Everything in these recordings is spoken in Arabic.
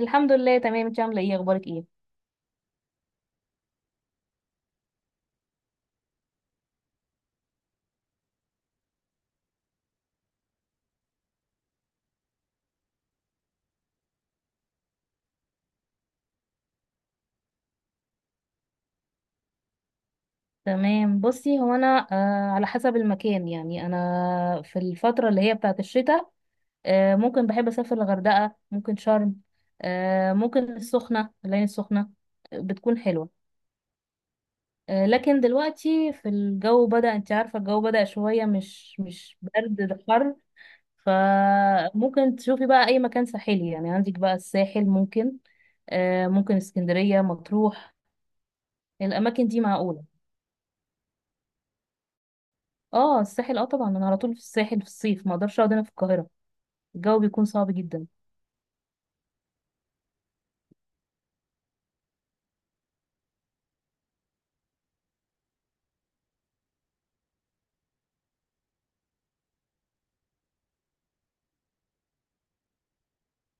الحمد لله، تمام. انت عامله ايه؟ اخبارك ايه؟ تمام، بصي. هو انا على حسب المكان، يعني انا في الفتره اللي هي بتاعه الشتاء ممكن بحب اسافر الغردقه، ممكن شرم، ممكن العين السخنه. بتكون حلوه. لكن دلوقتي في الجو بدأ، انت عارفه الجو بدأ شويه مش برد، ده حر. فممكن تشوفي بقى اي مكان ساحلي، يعني عندك بقى الساحل ممكن، ممكن اسكندريه، مطروح. الاماكن دي معقوله. اه الساحل، اه طبعا، انا على طول في الساحل في الصيف، ما اقدرش اقعد هنا في القاهره. الجو بيكون صعب جدا.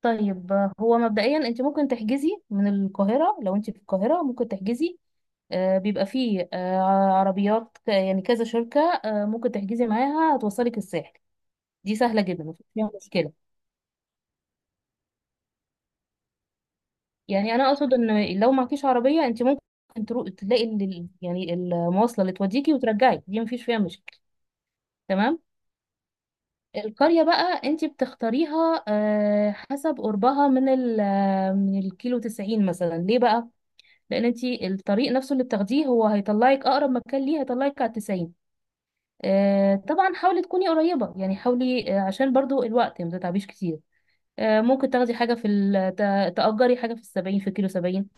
طيب هو مبدئيا انت ممكن تحجزي من القاهره، لو انت في القاهره ممكن تحجزي. بيبقى فيه. عربيات يعني كذا شركه، ممكن تحجزي معاها، هتوصلك الساحل. دي سهله جدا، مفيش فيها مشكله. يعني انا اقصد ان لو معكيش عربيه، انت ممكن تروح تلاقي يعني المواصله اللي توديكي وترجعي. دي مفيش فيها مشكله. تمام. القرية بقى انت بتختاريها حسب قربها من ال آه، من الكيلو 90 مثلا. ليه بقى؟ لأن انت الطريق نفسه اللي بتاخديه هو هيطلعك أقرب مكان ليه، هيطلعك على 90. طبعا حاولي تكوني قريبة، يعني حاولي عشان برضو الوقت ما تتعبيش كتير. ممكن تاخدي حاجة في تأجري حاجة في السبعين، في كيلو سبعين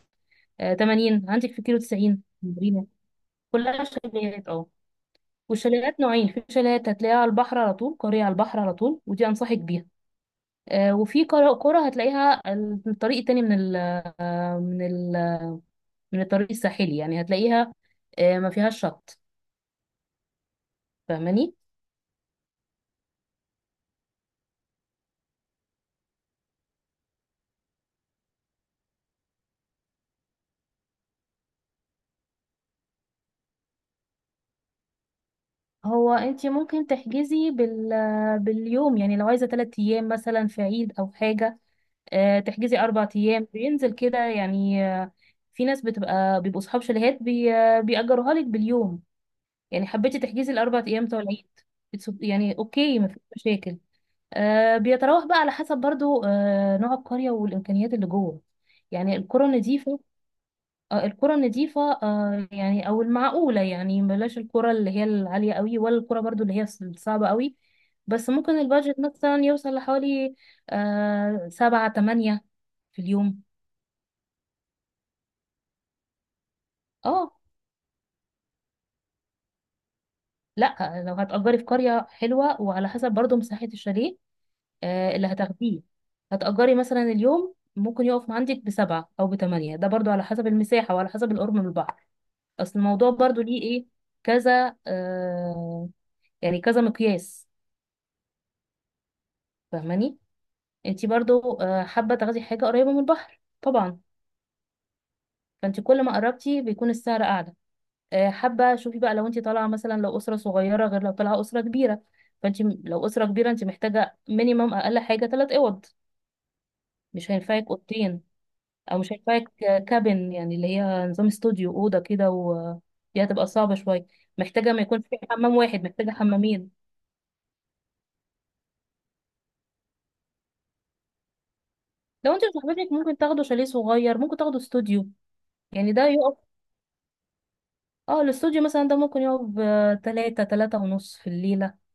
تمانين، عندك في كيلو تسعين مرينا. كلها شاليهات، اه. والشاليهات نوعين، في شاليهات هتلاقيها على البحر على طول، قرية على البحر على طول، ودي أنصحك بيها. وفي كرة هتلاقيها الطريق التاني من ال من الطريق الساحلي، يعني هتلاقيها ما فيهاش شط. فاهماني؟ هو انت ممكن تحجزي باليوم، يعني لو عايزة 3 ايام مثلا في عيد او حاجة تحجزي 4 ايام، بينزل كده يعني. في ناس بيبقوا اصحاب شاليهات بي آه، بيأجروها لك باليوم، يعني حبيتي تحجزي الاربع ايام بتوع العيد. يعني اوكي، ما فيش مشاكل. بيتراوح بقى على حسب برضو نوع القرية والإمكانيات اللي جوه. يعني القرى النظيفة، القرى النظيفة يعني أو المعقولة، يعني بلاش القرى اللي هي العالية قوي، ولا القرى برضو اللي هي الصعبة قوي. بس ممكن البادجت مثلا يوصل لحوالي سبعة تمانية في اليوم. اه لا، لو هتأجري في قرية حلوة، وعلى حسب برضو مساحة الشاليه اللي هتاخديه، هتأجري مثلا اليوم ممكن يقف عندك بسبعة أو بتمانية. ده برضو على حسب المساحة وعلى حسب القرب من البحر. أصل الموضوع برضو ليه إيه؟ كذا يعني كذا مقياس. فاهماني؟ انتي برضو حابة تاخدي حاجة قريبة من البحر طبعا. فانتي كل ما قربتي بيكون السعر أعلى. حابة شوفي بقى، لو انتي طالعة مثلا، لو أسرة صغيرة غير لو طالعة أسرة كبيرة. فانتي لو أسرة كبيرة، انتي محتاجة مينيمم أقل حاجة تلات أوض، مش هينفعك أوضتين. او مش هينفعك كابن، يعني اللي هي نظام استوديو، اوضه كده، و دي هتبقى صعبه شويه. محتاجه ما يكون في حمام واحد، محتاجه حمامين. لو انت وصاحبتك، ممكن تاخدوا شاليه صغير، ممكن تاخدوا استوديو. يعني ده يقف، اه الاستوديو مثلا ده ممكن يقف بتلاتة، تلاتة ونص في الليله.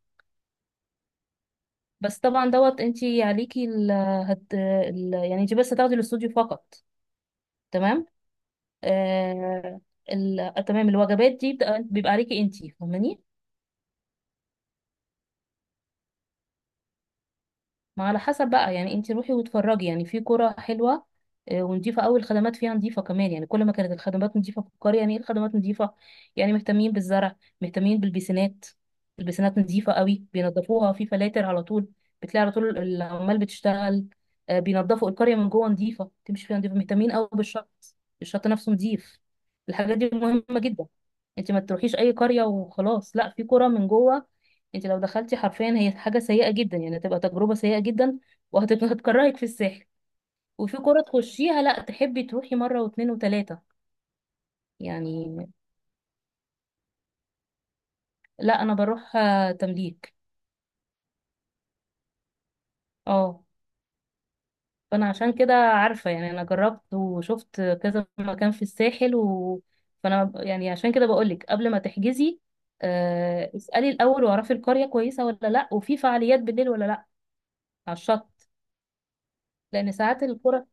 بس طبعا دوت انت عليكي يعني انت بس هتاخدي الاستوديو فقط. تمام. آه... تمام، الوجبات دي بيبقى عليكي انت، فاهماني؟ ما على حسب بقى، يعني انت روحي واتفرجي. يعني في قرى حلوه ونضيفه قوي. الخدمات فيها نضيفه كمان، يعني كل ما كانت الخدمات نضيفه في القريه. يعني ايه الخدمات نضيفه؟ يعني مهتمين بالزرع، مهتمين بالبيسينات. البيسينات نضيفه قوي، بينظفوها، في فلاتر على طول، بتلاقي على طول العمال بتشتغل. بينظفوا القريه من جوه نضيفه، تمشي فيها نضيفه، مهتمين قوي بالشط. الشط نفسه نضيف. الحاجات دي مهمه جدا. انت ما تروحيش اي قريه وخلاص، لا. في قرى من جوه، انت لو دخلتي حرفيا، هي حاجه سيئه جدا، يعني هتبقى تجربه سيئه جدا، وهتكرهك في الساحل، وفي كرة تخشيها لا تحبي تروحي مره واتنين وتلاته، يعني. لا، انا بروح تمليك. اه. فانا عشان كده عارفه، يعني انا جربت وشفت كذا مكان في الساحل، و... فانا يعني عشان كده بقولك قبل ما تحجزي اسألي الأول، واعرفي القرية كويسة ولا لأ، وفي فعاليات بالليل ولا لأ، على الشط. لأن ساعات القرى،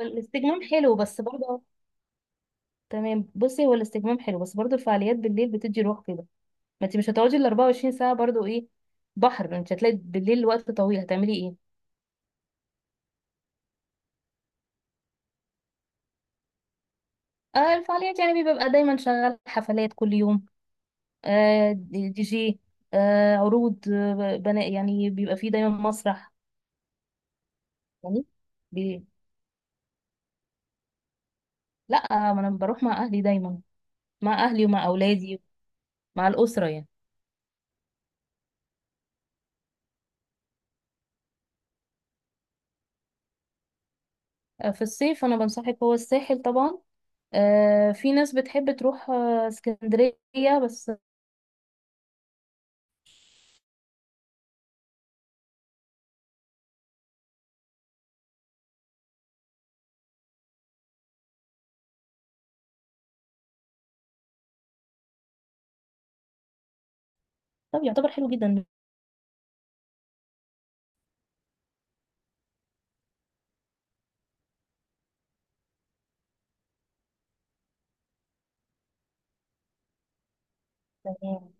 الاستجمام حلو بس برضه. تمام، بصي. هو الاستجمام حلو، بس برضو الفعاليات بالليل بتدي روح كده. ما انت مش هتقعدي ال 24 ساعه برضو، ايه بحر؟ انت هتلاقي بالليل وقت طويل، هتعملي ايه؟ الفعاليات يعني بيبقى دايما شغال حفلات كل يوم. دي دي جي، عروض، بناء، يعني بيبقى فيه دايما مسرح. يعني بي... لا، ما انا بروح مع اهلي دايما، مع اهلي ومع اولادي، مع الاسره يعني. في الصيف انا بنصحك هو الساحل طبعا. في ناس بتحب تروح اسكندريه بس. طب يعتبر حلو جدا. تمام،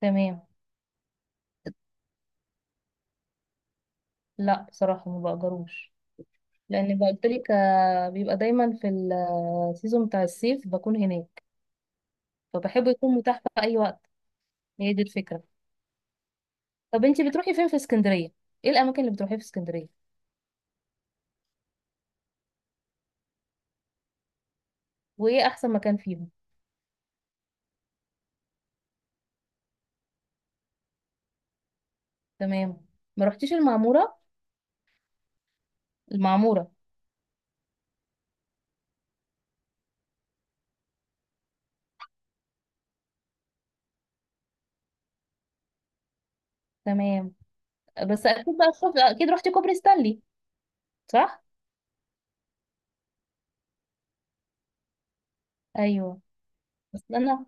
تمام. لا بصراحة، ما بأجروش. لأن قلت لك، بيبقى دايما في السيزون بتاع الصيف بكون هناك، فبحب يكون متاح في أي وقت. هي دي الفكرة. طب انتي بتروحي فين في اسكندرية؟ ايه الأماكن اللي بتروحيها في اسكندرية؟ وإيه أحسن مكان فيهم؟ تمام. ما رحتيش المعمورة؟ المعمورة. تمام. بس أكيد بقى شوف أكيد رحتي كوبري ستانلي، صح؟ أيوه. بس أنا،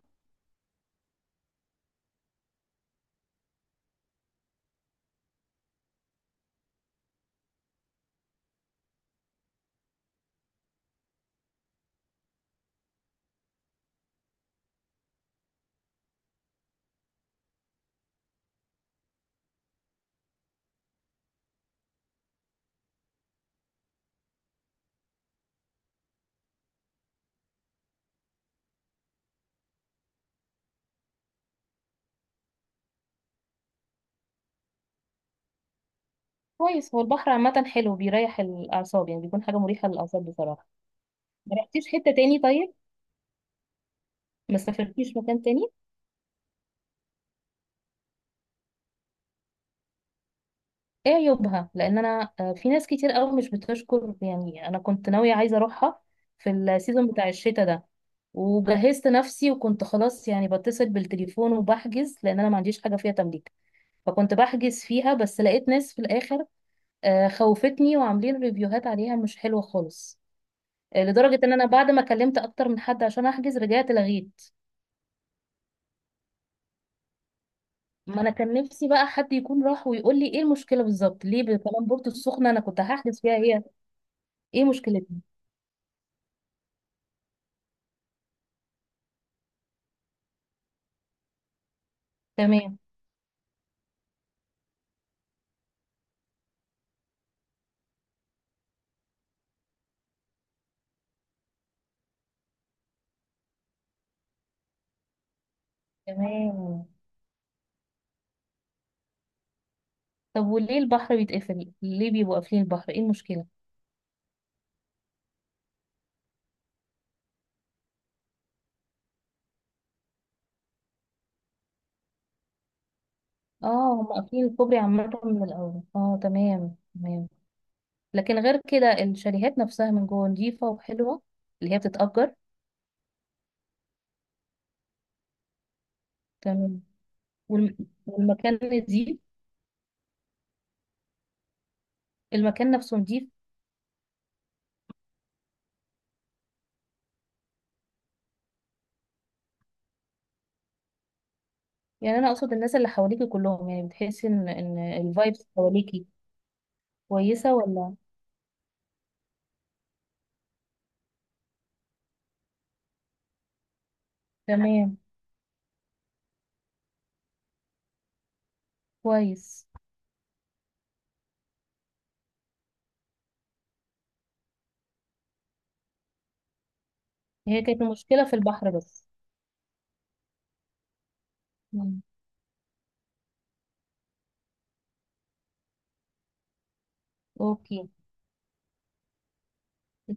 كويس. هو البحر عامة حلو، بيريح الأعصاب، يعني بيكون حاجة مريحة للأعصاب بصراحة. ما رحتيش حتة تاني طيب؟ ما سافرتيش مكان تاني؟ ايه عيوبها؟ لان انا في ناس كتير قوي مش بتشكر، يعني انا كنت ناوية عايزة اروحها في السيزون بتاع الشتاء ده، وجهزت نفسي وكنت خلاص، يعني بتصل بالتليفون وبحجز، لان انا ما عنديش حاجة فيها تمليك، فكنت بحجز فيها، بس لقيت ناس في الاخر خوفتني، وعاملين ريفيوهات عليها مش حلوة خالص، لدرجة ان انا بعد ما كلمت اكتر من حد عشان احجز، رجعت لغيت. ما انا كان نفسي بقى حد يكون راح ويقول لي ايه المشكله بالظبط، ليه بكلام بورتو السخنه؟ انا كنت هحجز فيها هي. ايه مشكلتها؟ تمام، تمام. طب وليه البحر بيتقفل؟ ليه بيبقوا قافلين البحر؟ ايه المشكله؟ اه، هم قافلين الكوبري عامه من الاول. اه تمام، تمام. لكن غير كده الشاليهات نفسها من جوه نظيفه وحلوه، اللي هي بتتأجر. تمام. والم- والمكان نظيف. المكان نفسه نظيف. يعني انا اقصد الناس اللي حواليكي كلهم، يعني بتحسي ان الفايبس حواليكي كويسه، ولا؟ تمام. كويس. هي كانت المشكلة في البحر بس. مم. اوكي، اتفقنا.